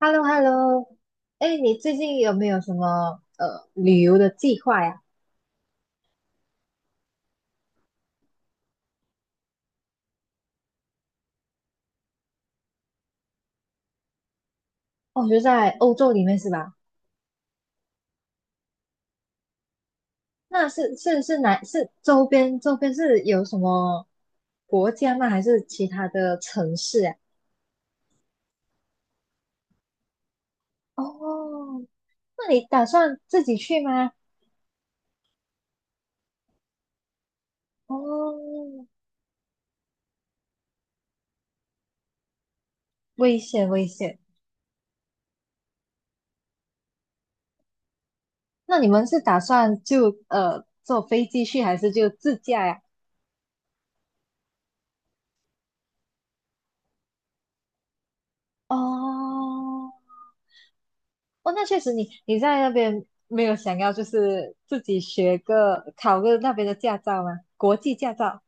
h e l l o h e l l o 哎，你最近有没有什么旅游的计划呀？哦，就在欧洲里面是吧？那是哪是周边是有什么国家吗？还是其他的城市呀？哦，那你打算自己去吗？哦，危险危险。那你们是打算就坐飞机去，还是就自驾呀？哦，哦，那确实你在那边没有想要就是自己学个考个那边的驾照吗？国际驾照，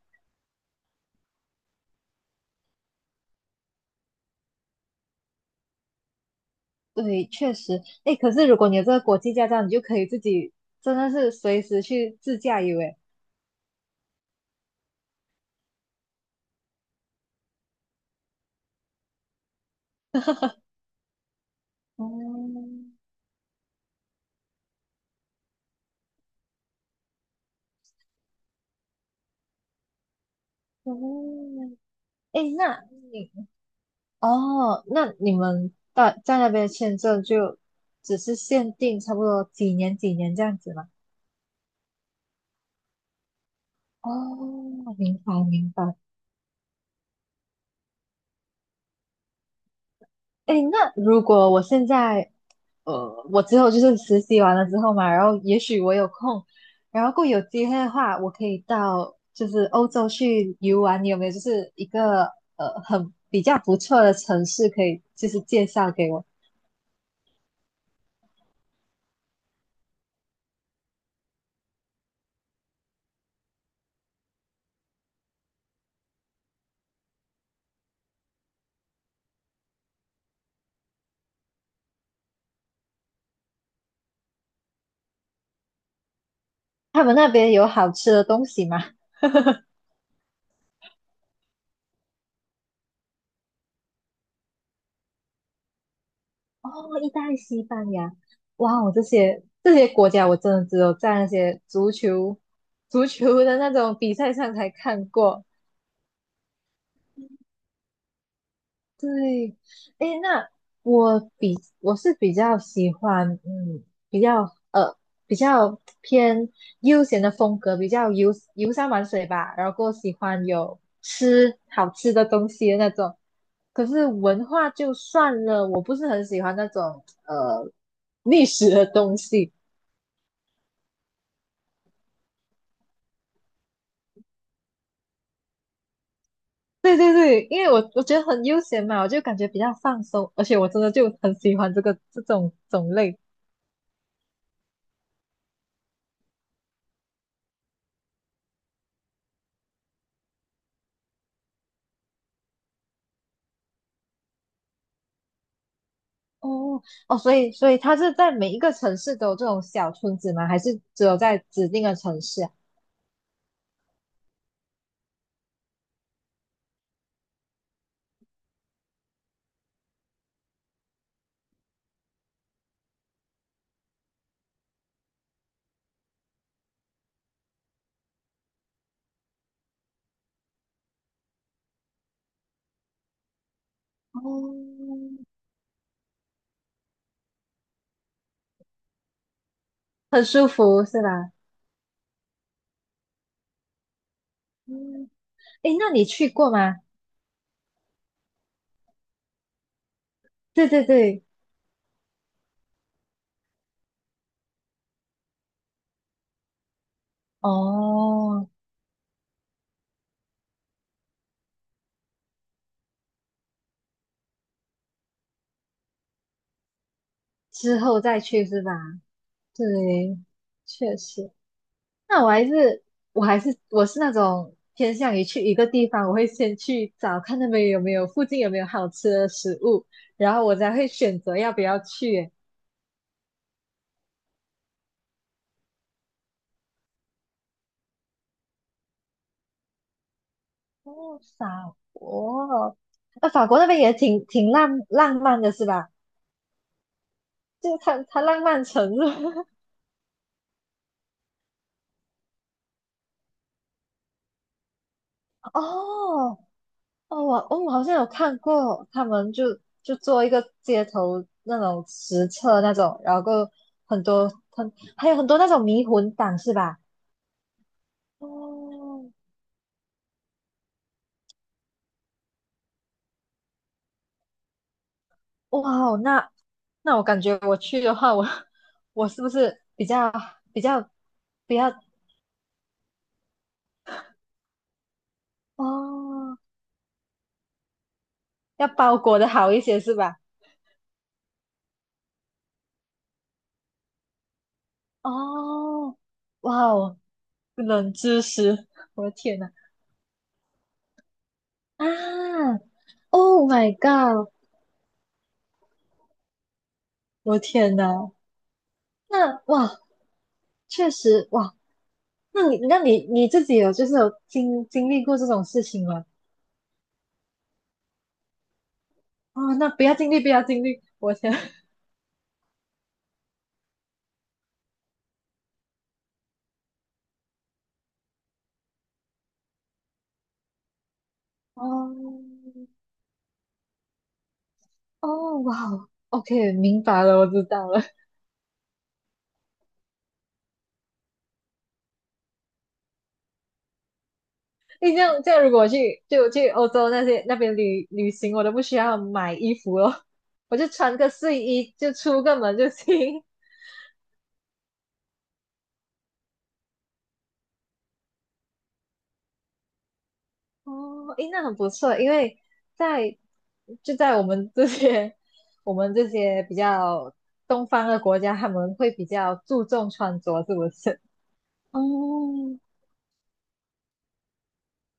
对，确实。诶，可是如果你有这个国际驾照，你就可以自己真的是随时去自驾游，诶。哦，哦，诶，你哦，那你们在那边签证就只是限定差不多几年几年这样子吗？哦，明白明白。哎，那如果我现在，我之后就是实习完了之后嘛，然后也许我有空，然后过有机会的话，我可以到就是欧洲去游玩，你有没有就是一个很比较不错的城市可以就是介绍给我？他们那边有好吃的东西吗？哦，意大利、西班牙，哇哦，这些国家我真的只有在那些足球的那种比赛上才看过。对，诶，那我比我是比较喜欢，比较呃比较偏悠闲的风格，比较游山玩水吧，然后过后喜欢有吃好吃的东西的那种。可是文化就算了，我不是很喜欢那种历史的东西。对对对，因为我觉得很悠闲嘛，我就感觉比较放松，而且我真的就很喜欢这种种类。哦哦，所以它是在每一个城市都有这种小村子吗？还是只有在指定的城市啊？哦，很舒服是吧？嗯，诶，那你去过吗？对对对，哦，之后再去是吧？对，确实。那我是那种偏向于去一个地方，我会先去找看那边有没有附近有没有好吃的食物，然后我才会选择要不要去。哦，法国，法国那边也挺浪漫的，是吧？就它浪漫城是吧 哦哦，我好像有看过，他们就做一个街头那种实测那种，然后够很多很还有很多那种迷魂党是吧？哦，哇哦，那我感觉我去的话，我是不是比较比较比较哦，要包裹的好一些是吧？哦，哇哦，冷知识，我的天呐！啊，Oh my God，我的天呐！那哇，确实哇，那你自己有就是有经历过这种事情吗？哦，那不要经历，不要经历，我天，哦哦哇哦，OK，明白了，我知道了。你这样这样，如果我去就去欧洲那边旅行，我都不需要买衣服了，我就穿个睡衣就出个门就行。哦，诶，那很不错，因为在就在我们这些 我们这些比较东方的国家，他们会比较注重穿着，是不是？哦，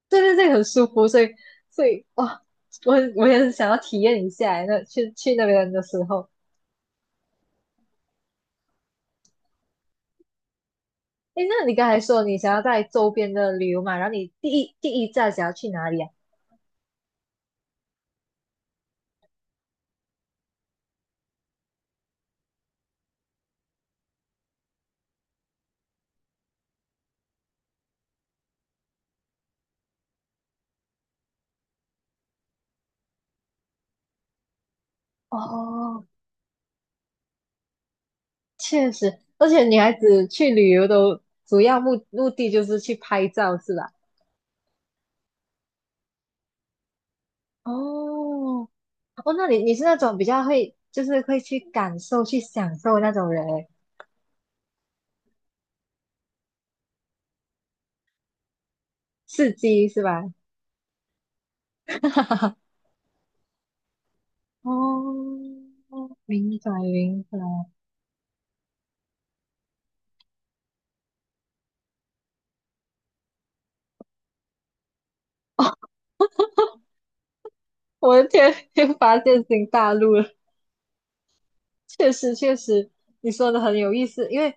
对对对，很舒服，所以哇，我也很想要体验一下诶那去那边的时候，诶，那你刚才说你想要在周边的旅游嘛，然后你第一站想要去哪里啊？哦，确实，而且女孩子去旅游的主要目的就是去拍照，是吧？哦，哦，那你是那种比较会，就是会去感受、去享受那种人欸，刺激是吧？哦，明白明白，我的天，又发现新大陆了。确实确实，你说的很有意思，因为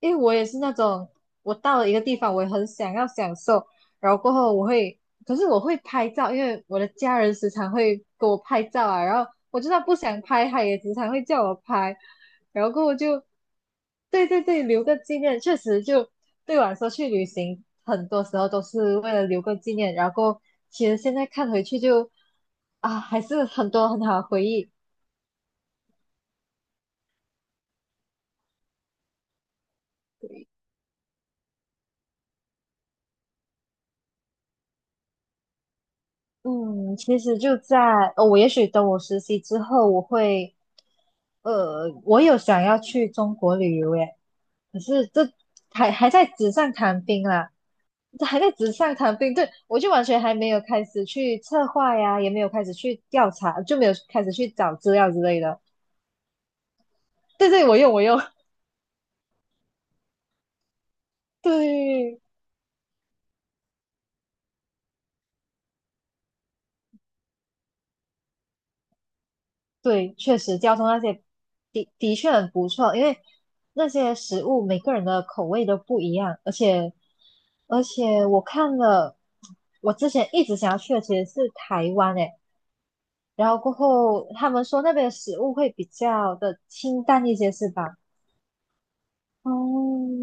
因为我也是那种，我到了一个地方，我也很想要享受，然后过后我会，可是我会拍照，因为我的家人时常会给我拍照啊，然后我就算不想拍，他也时常会叫我拍，然后过后就，对对对，留个纪念，确实就对我来说去旅行，很多时候都是为了留个纪念，然后过后其实现在看回去就啊，还是很多很好的回忆。嗯，其实就在我也许等我实习之后，我会，我有想要去中国旅游耶，可是这还在纸上谈兵啦，这还在纸上谈兵，对，我就完全还没有开始去策划呀，也没有开始去调查，就没有开始去找资料之类的。对对，我用，对对，确实交通那些的的确很不错，因为那些食物每个人的口味都不一样，而且我看了，我之前一直想要去的其实是台湾诶，然后过后他们说那边的食物会比较的清淡一些，是吧？哦，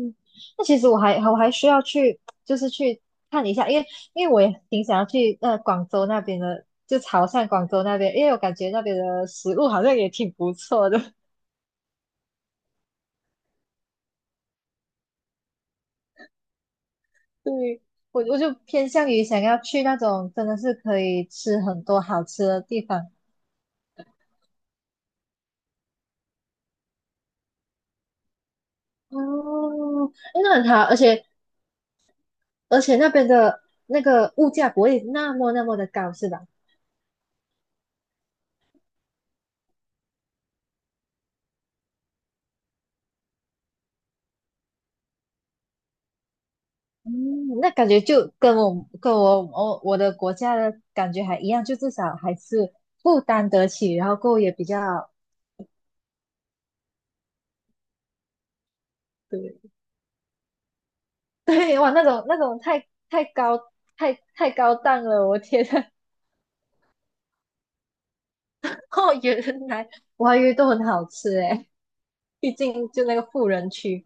那其实我还需要去，就是去看一下，因为我也挺想要去广州那边的，就潮汕广州那边，因为我感觉那边的食物好像也挺不错的。对，我就偏向于想要去那种真的是可以吃很多好吃的地方。哦，诶那很好，而且那边的那个物价不会那么那么的高，是吧？嗯，那感觉就跟我的国家的感觉还一样，就至少还是负担得起，然后过后也比较对 对哇，那种太高档了，我天呐！哦，原来我还以为都很好吃诶。毕竟，就那个富人区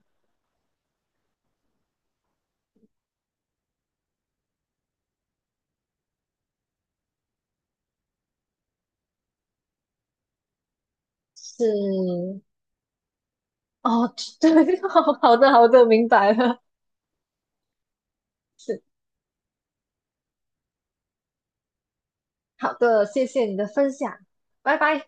是哦，对，好好的好的，明白了，是好的，谢谢你的分享，拜拜。